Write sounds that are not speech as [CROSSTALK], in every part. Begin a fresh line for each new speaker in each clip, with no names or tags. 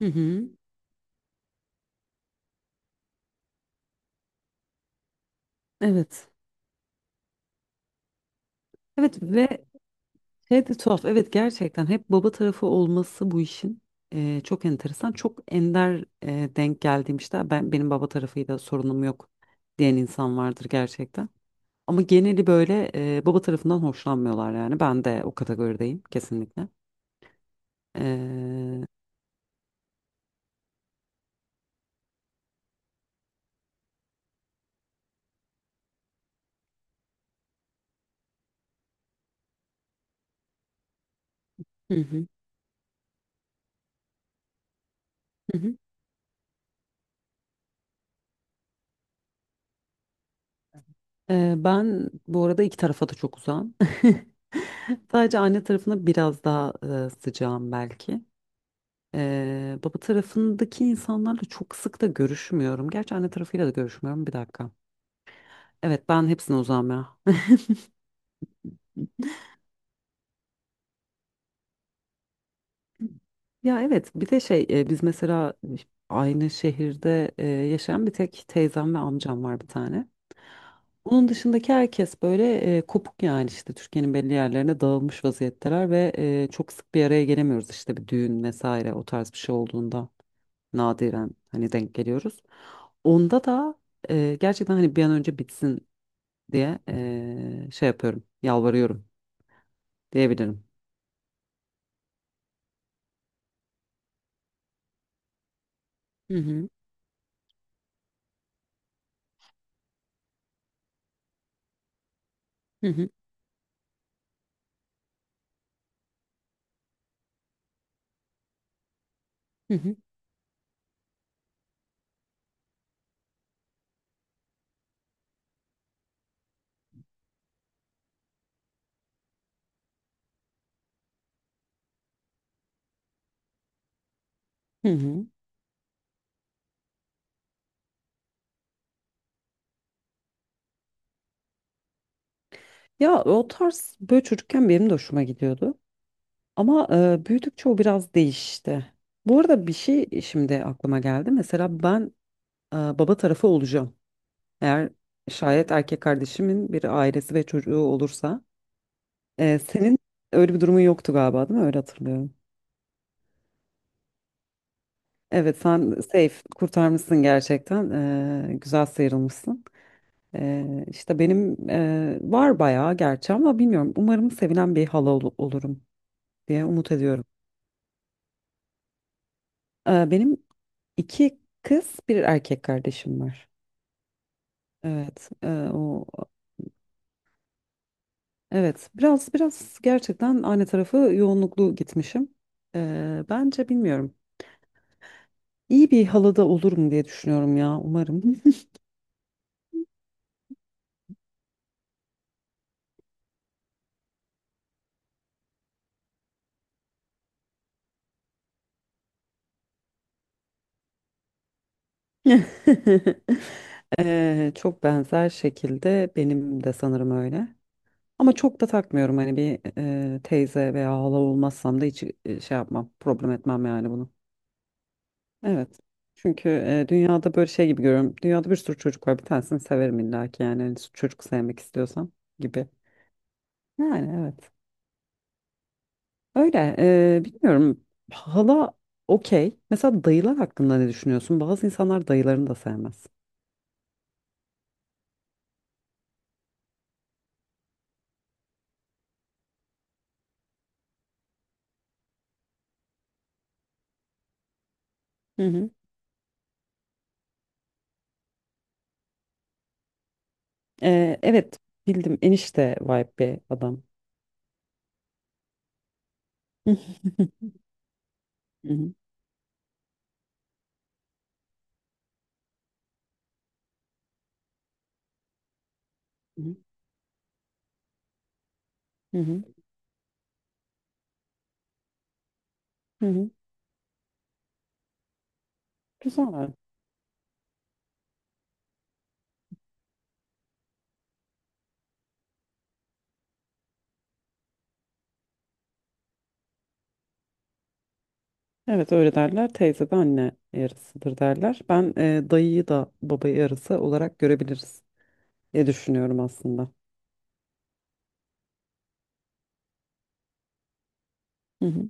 Hı hı. Evet. Evet ve şey de tuhaf. Evet, gerçekten hep baba tarafı olması bu işin çok enteresan. Çok ender denk geldiğim, işte "Ben benim baba tarafıyla sorunum yok" diyen insan vardır gerçekten. Ama geneli böyle baba tarafından hoşlanmıyorlar yani. Ben de o kategorideyim kesinlikle. E, hı hı, hı hı. Ben bu arada iki tarafa da çok uzağım. [LAUGHS] Sadece anne tarafına biraz daha sıcağım belki. Baba tarafındaki insanlarla çok sık da görüşmüyorum. Gerçi anne tarafıyla da görüşmüyorum. Bir dakika. Evet, ben hepsine uzağım ya. [LAUGHS] Ya evet, bir de biz mesela aynı şehirde yaşayan bir tek teyzem ve amcam var bir tane. Onun dışındaki herkes böyle kopuk yani, işte Türkiye'nin belli yerlerine dağılmış vaziyetteler ve çok sık bir araya gelemiyoruz, işte bir düğün vesaire o tarz bir şey olduğunda nadiren hani denk geliyoruz. Onda da gerçekten hani bir an önce bitsin diye şey yapıyorum, yalvarıyorum diyebilirim. Hı hı. Hı hı. Hı hı. Hı hı. Ya o tarz böyle çocukken benim de hoşuma gidiyordu. Ama büyüdükçe o biraz değişti. Bu arada bir şey şimdi aklıma geldi. Mesela ben baba tarafı olacağım. Eğer şayet erkek kardeşimin bir ailesi ve çocuğu olursa. Senin öyle bir durumun yoktu galiba, değil mi? Öyle hatırlıyorum. Evet, sen safe kurtarmışsın gerçekten. Güzel sıyrılmışsın. İşte benim var bayağı gerçi ama bilmiyorum. Umarım sevilen bir olurum diye umut ediyorum. Benim İki kız, bir erkek kardeşim var. Evet, o evet, biraz gerçekten anne tarafı yoğunluklu gitmişim. Bence bilmiyorum. İyi bir halada olurum diye düşünüyorum ya, umarım. [LAUGHS] [LAUGHS] Çok benzer şekilde benim de sanırım öyle. Ama çok da takmıyorum hani bir teyze veya hala olmazsam da hiç şey yapmam, problem etmem yani bunu. Evet. Çünkü dünyada böyle şey gibi görüyorum. Dünyada bir sürü çocuk var. Bir tanesini severim illa ki yani. Hani çocuk sevmek istiyorsam gibi. Yani evet. Öyle. Bilmiyorum. Hala okey. Mesela dayılar hakkında ne düşünüyorsun? Bazı insanlar dayılarını da sevmez. Hı hı. Evet. Bildim. Enişte vibe bir adam. [LAUGHS] Hı hı. Hı hı. Hı hı. Hı hı. Güzel. Evet, öyle derler. Teyze de anne yarısıdır derler. Ben dayıyı da baba yarısı olarak görebiliriz diye düşünüyorum aslında. Hı hı.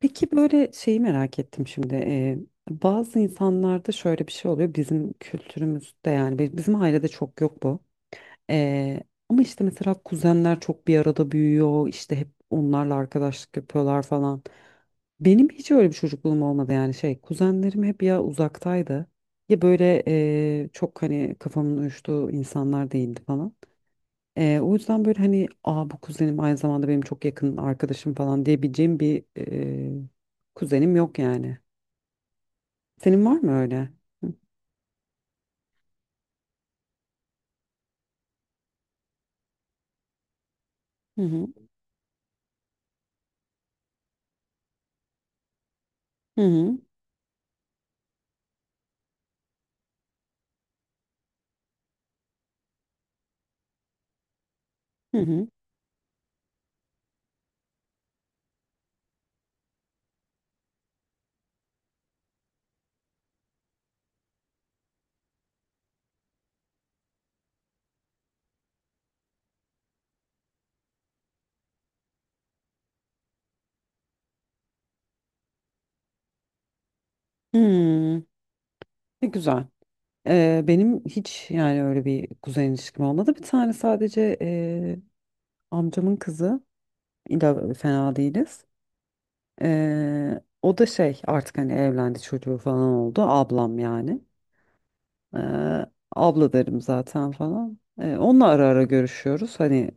Peki, böyle şeyi merak ettim şimdi. Bazı insanlarda şöyle bir şey oluyor. Bizim kültürümüzde yani bizim ailede çok yok bu. Ee, ama işte mesela kuzenler çok bir arada büyüyor, işte hep onlarla arkadaşlık yapıyorlar falan. Benim hiç öyle bir çocukluğum olmadı yani, şey, kuzenlerim hep ya uzaktaydı ya böyle çok hani kafamın uyuştuğu insanlar değildi falan. O yüzden böyle hani, aa, bu kuzenim aynı zamanda benim çok yakın arkadaşım falan diyebileceğim bir kuzenim yok yani. Senin var mı öyle? Hı hı, hı hı, hı. Hı. Hmm, ne güzel. Benim hiç yani öyle bir kuzen ilişkim olmadı. Bir tane sadece amcamın kızı. İlla fena değiliz. O da şey, artık hani evlendi, çocuğu falan oldu. Ablam yani. Eee, abla derim zaten falan. Onunla ara ara görüşüyoruz. Hani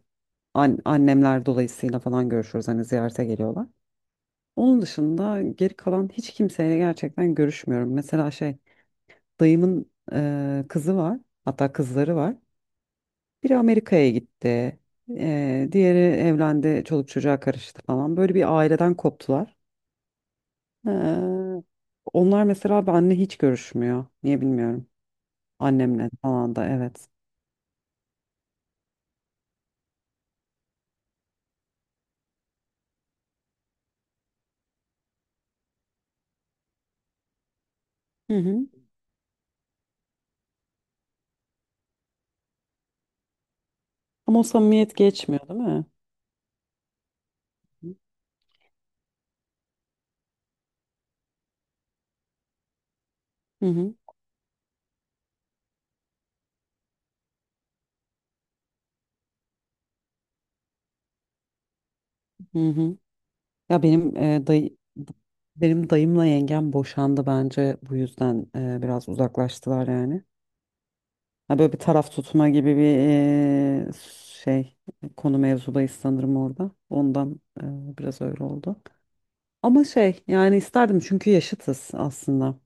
annemler dolayısıyla falan görüşüyoruz. Hani ziyarete geliyorlar. Onun dışında geri kalan hiç kimseyle gerçekten görüşmüyorum. Mesela şey, dayımın kızı var. Hatta kızları var. Biri Amerika'ya gitti. Diğeri evlendi. Çoluk çocuğa karıştı falan. Böyle bir aileden koptular. Eee, onlar mesela benle hiç görüşmüyor. Niye bilmiyorum. Annemle falan da evet. Hı hı. Ama o samimiyet geçmiyor değil mi? Hı hı, hı hı. Ya, benim dayımla yengem boşandı, bence bu yüzden biraz uzaklaştılar yani. Ha, böyle bir taraf tutma gibi bir e, şey, konu mevzudayız sanırım orada. Ondan biraz öyle oldu. Ama şey yani, isterdim çünkü yaşıtız aslında.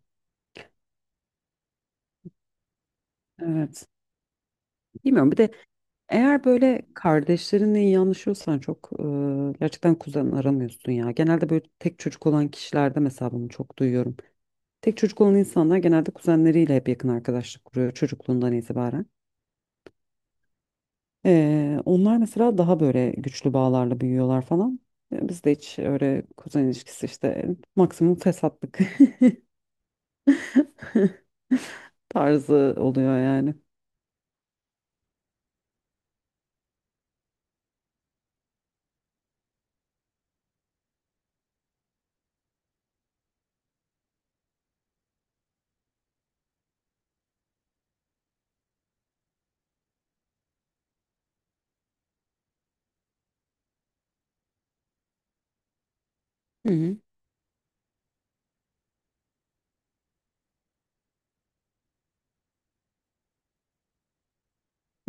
Evet. Bilmiyorum, bir de eğer böyle kardeşlerinle iyi anlaşıyorsan çok gerçekten kuzen aramıyorsun ya. Genelde böyle tek çocuk olan kişilerde mesela bunu çok duyuyorum. Tek çocuk olan insanlar genelde kuzenleriyle hep yakın arkadaşlık kuruyor çocukluğundan itibaren. Onlar mesela daha böyle güçlü bağlarla büyüyorlar falan. Bizde hiç öyle kuzen ilişkisi, işte maksimum fesatlık [LAUGHS] tarzı oluyor yani. Hı hı.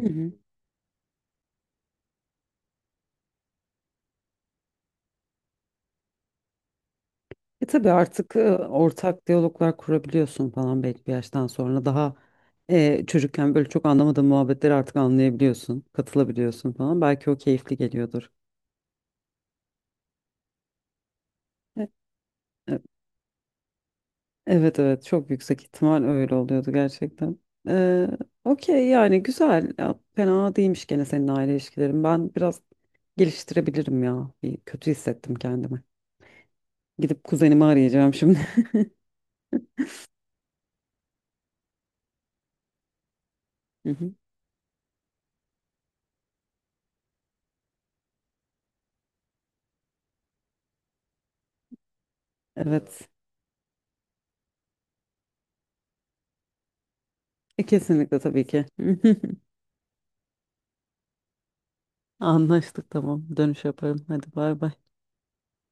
Hı hı. E tabii, artık ortak diyaloglar kurabiliyorsun falan belli bir yaştan sonra. Daha çocukken böyle çok anlamadığın muhabbetleri artık anlayabiliyorsun, katılabiliyorsun falan. Belki o keyifli geliyordur. E, e, Evet evet, çok yüksek ihtimal öyle oluyordu gerçekten. E, okey yani, güzel. Ya, fena değilmiş gene senin aile ilişkilerin. Ben biraz geliştirebilirim ya. Bir kötü hissettim kendimi. Gidip kuzenimi arayacağım şimdi. [LAUGHS] Hı hı. Evet. Kesinlikle tabii ki. [LAUGHS] Anlaştık, tamam. Dönüş yaparım. Hadi bay bay.